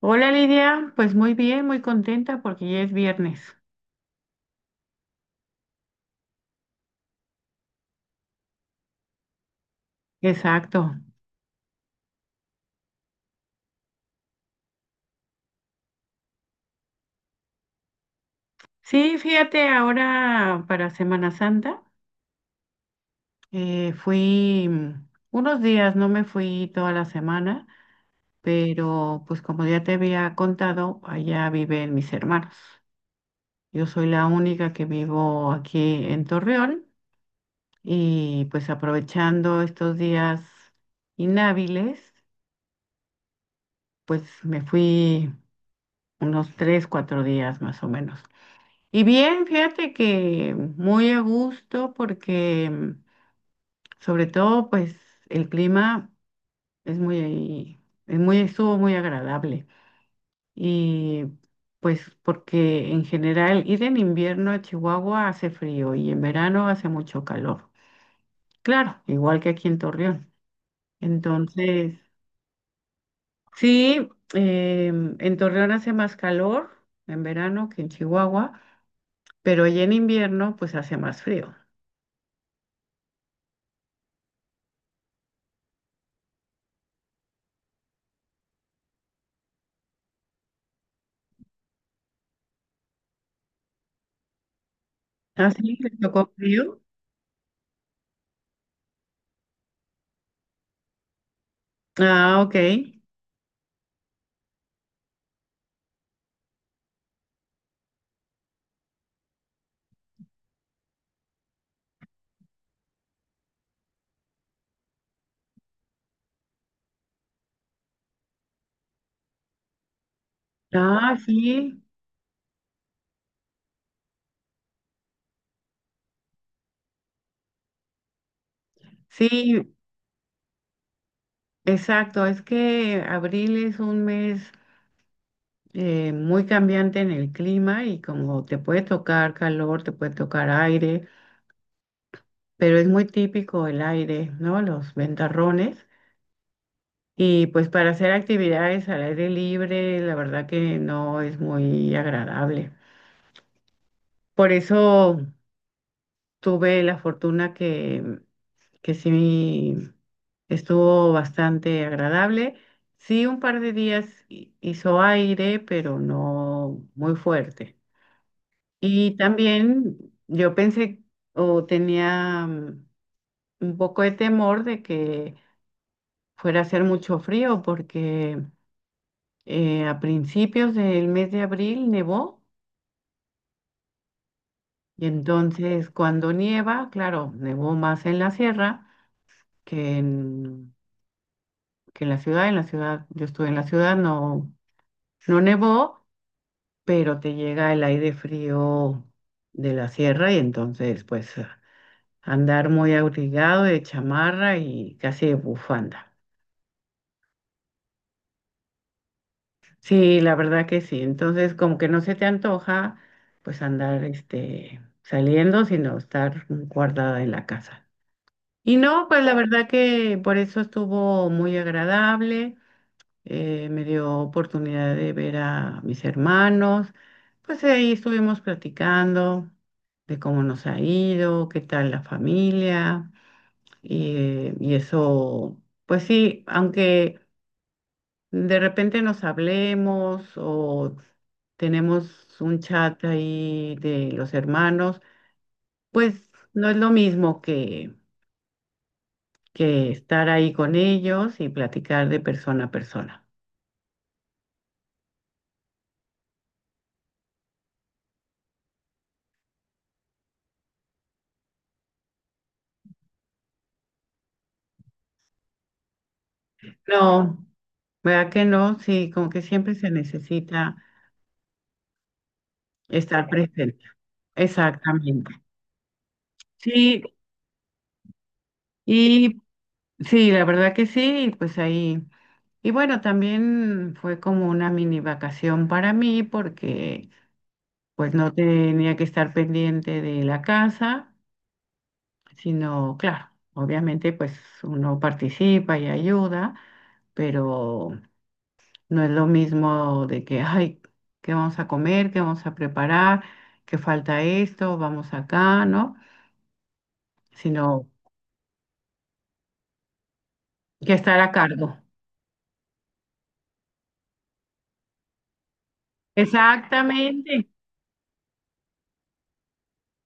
Hola Lidia, pues muy bien, muy contenta porque ya es viernes. Exacto. Sí, fíjate, ahora para Semana Santa fui unos días, no me fui toda la semana, pero pues como ya te había contado, allá viven mis hermanos. Yo soy la única que vivo aquí en Torreón y pues aprovechando estos días inhábiles, pues me fui unos tres, cuatro días más o menos. Y bien, fíjate que muy a gusto porque sobre todo pues el clima es muy, es muy, estuvo muy agradable. Y pues porque en general ir en invierno a Chihuahua hace frío y en verano hace mucho calor. Claro, igual que aquí en Torreón. Entonces, sí, en Torreón hace más calor en verano que en Chihuahua, pero ya en invierno pues hace más frío. ¿Así? ¿Te tocó frío? Ah, ok. Ah, sí, sí, exacto. Es que abril es un mes muy cambiante en el clima y como te puede tocar calor, te puede tocar aire, pero es muy típico el aire, ¿no? Los ventarrones. Y pues para hacer actividades al aire libre, la verdad que no es muy agradable. Por eso tuve la fortuna que sí estuvo bastante agradable. Sí, un par de días hizo aire, pero no muy fuerte. Y también yo pensé o tenía un poco de temor de que fuera a hacer mucho frío porque a principios del mes de abril nevó y entonces cuando nieva, claro, nevó más en la sierra que en, que en la ciudad. En la ciudad, yo estuve en la ciudad, no, no nevó, pero te llega el aire frío de la sierra y entonces pues andar muy abrigado de chamarra y casi de bufanda. Sí, la verdad que sí. Entonces como que no se te antoja pues andar este saliendo, sino estar guardada en la casa. Y no, pues la claro, verdad que por eso estuvo muy agradable. Eh, me dio oportunidad de ver a mis hermanos. Pues ahí estuvimos platicando de cómo nos ha ido, qué tal la familia. Y eso, pues sí, aunque de repente nos hablemos o tenemos un chat ahí de los hermanos, pues no es lo mismo que estar ahí con ellos y platicar de persona a persona. No, ¿verdad que no? Sí, como que siempre se necesita estar presente. Exactamente. Sí, y sí, la verdad que sí, y pues ahí. Y bueno, también fue como una mini vacación para mí porque pues no tenía que estar pendiente de la casa, sino, claro, obviamente pues uno participa y ayuda, pero no es lo mismo de que, ay, ¿qué vamos a comer? ¿Qué vamos a preparar? ¿Qué falta esto? Vamos acá, ¿no? Sino que estar a cargo. Exactamente.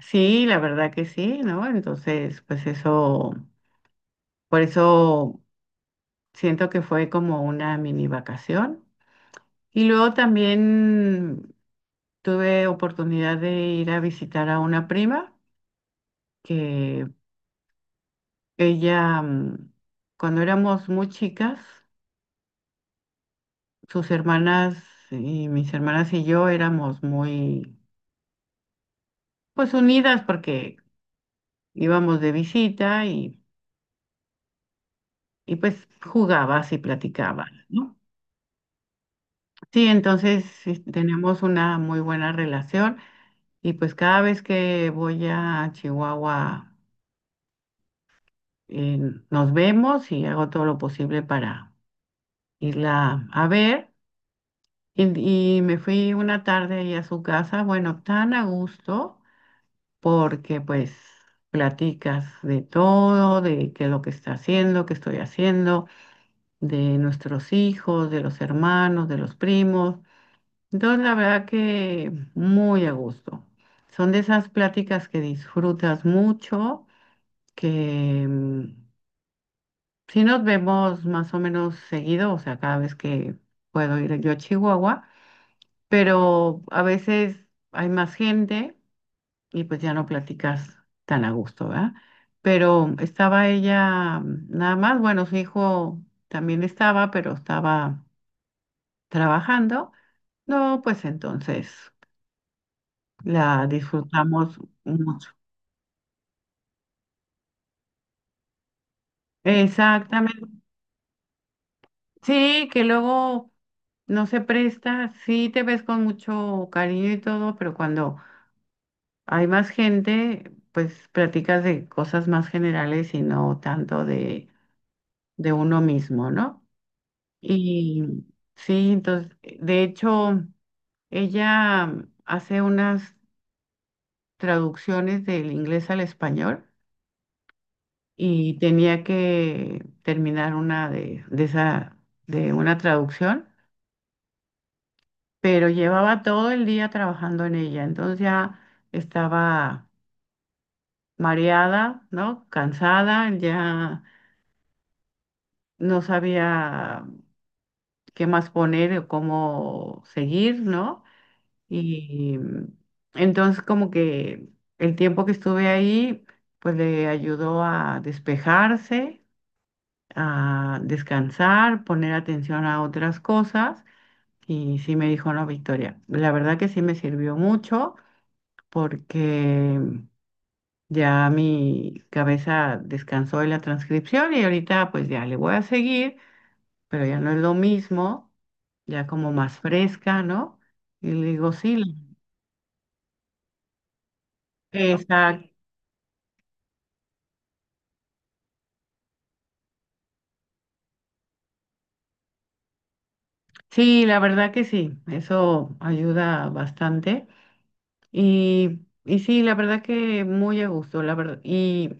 Sí, la verdad que sí, ¿no? Entonces, pues eso, por eso siento que fue como una mini vacación. Y luego también tuve oportunidad de ir a visitar a una prima que ella, cuando éramos muy chicas, sus hermanas y mis hermanas y yo éramos muy, pues unidas porque íbamos de visita y pues jugabas y platicabas, ¿no? Sí, entonces sí, tenemos una muy buena relación y pues cada vez que voy a Chihuahua eh, nos vemos y hago todo lo posible para irla a ver. Y me fui una tarde ahí a su casa, bueno, tan a gusto, porque pues platicas de todo, de qué es lo que está haciendo, qué estoy haciendo, de nuestros hijos, de los hermanos, de los primos. Entonces, la verdad que muy a gusto. Son de esas pláticas que disfrutas mucho, que sí nos vemos más o menos seguido, o sea, cada vez que puedo ir yo a Chihuahua, pero a veces hay más gente, y pues ya no platicas tan a gusto, ¿verdad? Pero estaba ella nada más, bueno, su hijo también estaba, pero estaba trabajando. No, pues entonces la disfrutamos mucho. Exactamente. Sí, que luego no se presta, sí te ves con mucho cariño y todo, pero cuando hay más gente, pues platicas de cosas más generales y no tanto de uno mismo, ¿no? Y sí, entonces, de hecho, ella hace unas traducciones del inglés al español y tenía que terminar una de esa, de una traducción, pero llevaba todo el día trabajando en ella, entonces ya estaba mareada, ¿no? Cansada, ya no sabía qué más poner o cómo seguir, ¿no? Y entonces como que el tiempo que estuve ahí, pues le ayudó a despejarse, a descansar, poner atención a otras cosas. Y sí me dijo, no, Victoria, la verdad que sí me sirvió mucho porque ya mi cabeza descansó de la transcripción y ahorita pues ya le voy a seguir, pero ya no es lo mismo, ya como más fresca, ¿no? Y le digo, sí, la- Exacto. Sí, la verdad que sí, eso ayuda bastante. Y sí, la verdad que muy a gusto, la verdad. Y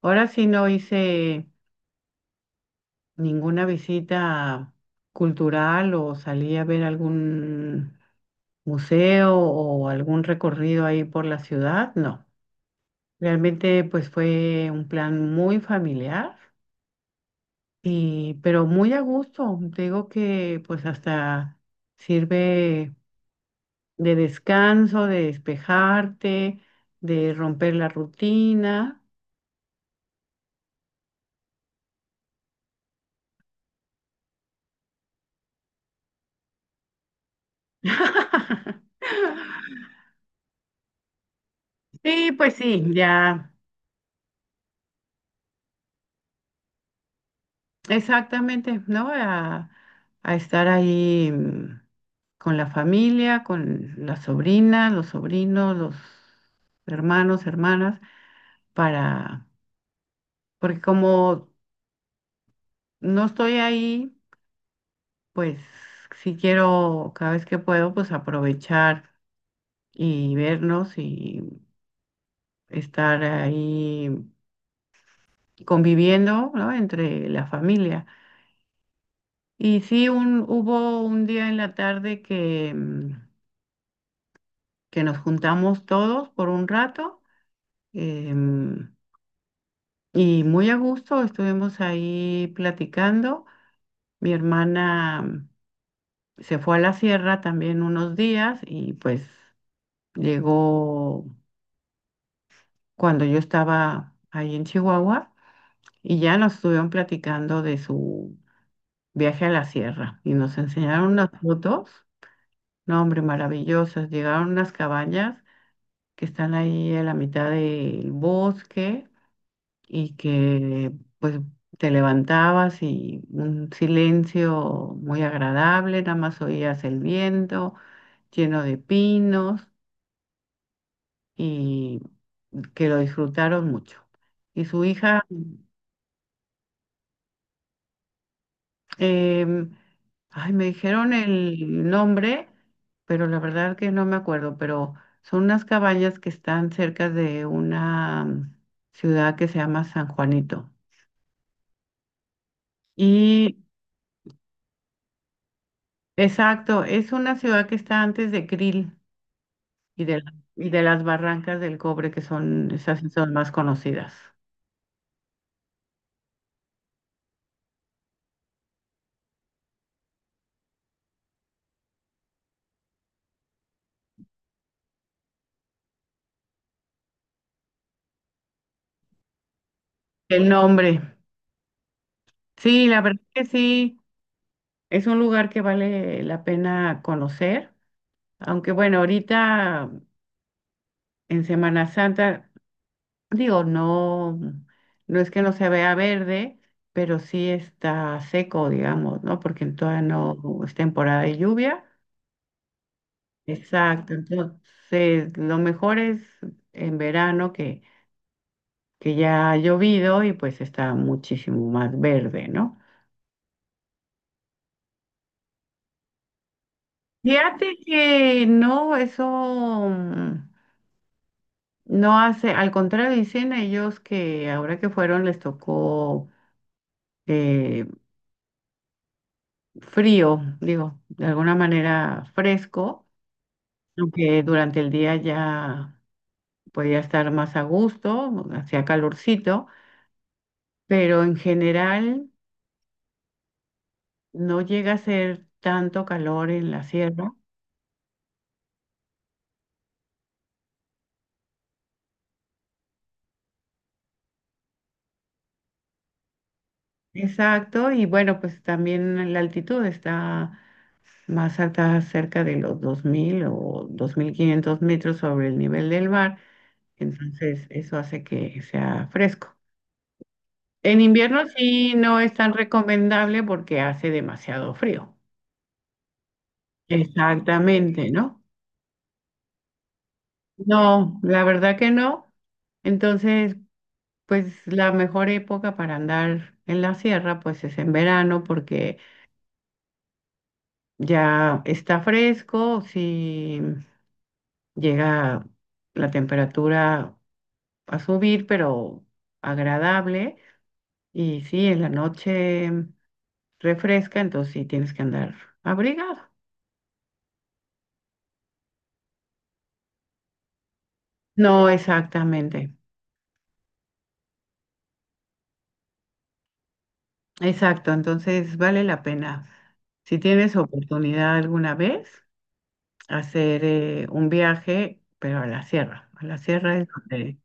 ahora sí no hice ninguna visita cultural o salí a ver algún museo o algún recorrido ahí por la ciudad, no. Realmente pues fue un plan muy familiar y pero muy a gusto. Te digo que pues hasta sirve de descanso, de despejarte, de romper la rutina. Sí, pues sí, ya, exactamente, ¿no? A estar ahí con la familia, con las sobrinas, los sobrinos, los hermanos, hermanas, para, porque como no estoy ahí, pues si quiero, cada vez que puedo, pues aprovechar y vernos y estar ahí conviviendo, ¿no? Entre la familia. Y sí, un, hubo un día en la tarde que, que nos juntamos todos por un rato em, y muy a gusto estuvimos ahí platicando. Mi hermana se fue a la sierra también unos días y pues llegó cuando yo estaba ahí en Chihuahua y ya nos estuvieron platicando de su viaje a la sierra y nos enseñaron unas fotos. No, hombre, maravillosas. Llegaron unas cabañas que están ahí en la mitad del bosque y que pues te levantabas y un silencio muy agradable, nada más oías el viento lleno de pinos y que lo disfrutaron mucho. Y su hija Em, ay, me dijeron el nombre, pero la verdad que no me acuerdo, pero son unas cabañas que están cerca de una ciudad que se llama San Juanito. Y exacto, es una ciudad que está antes de Krill y de, la- y de las Barrancas del Cobre, que son esas sí son más conocidas. El nombre. Sí, la verdad que sí, es un lugar que vale la pena conocer, aunque bueno, ahorita en Semana Santa digo, no, no es que no se vea verde, pero sí está seco, digamos, ¿no? Porque todavía no es temporada de lluvia. Exacto. Entonces, lo mejor es en verano que ya ha llovido y pues está muchísimo más verde, ¿no? Fíjate que no, eso mm, no hace, al contrario, dicen ellos que ahora que fueron les tocó eh, frío, digo, de alguna manera fresco, aunque durante el día ya podía estar más a gusto, hacía calorcito, pero en general no llega a ser tanto calor en la sierra. Exacto, y bueno, pues también la altitud está más alta, cerca de los 2000 o 2500 metros sobre el nivel del mar, entonces eso hace que sea fresco. En invierno sí no es tan recomendable porque hace demasiado frío. Exactamente, ¿no? No, la verdad que no. Entonces, pues la mejor época para andar en la sierra, pues es en verano porque ya está fresco, si llega la temperatura a subir, pero agradable. Y sí, en la noche refresca, entonces sí tienes que andar abrigado. No, exactamente. Exacto, entonces vale la pena. Si tienes oportunidad alguna vez, hacer un viaje, pero a la sierra. A la sierra es donde...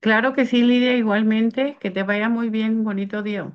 Claro que sí, Lidia, igualmente. Que te vaya muy bien. Bonito día.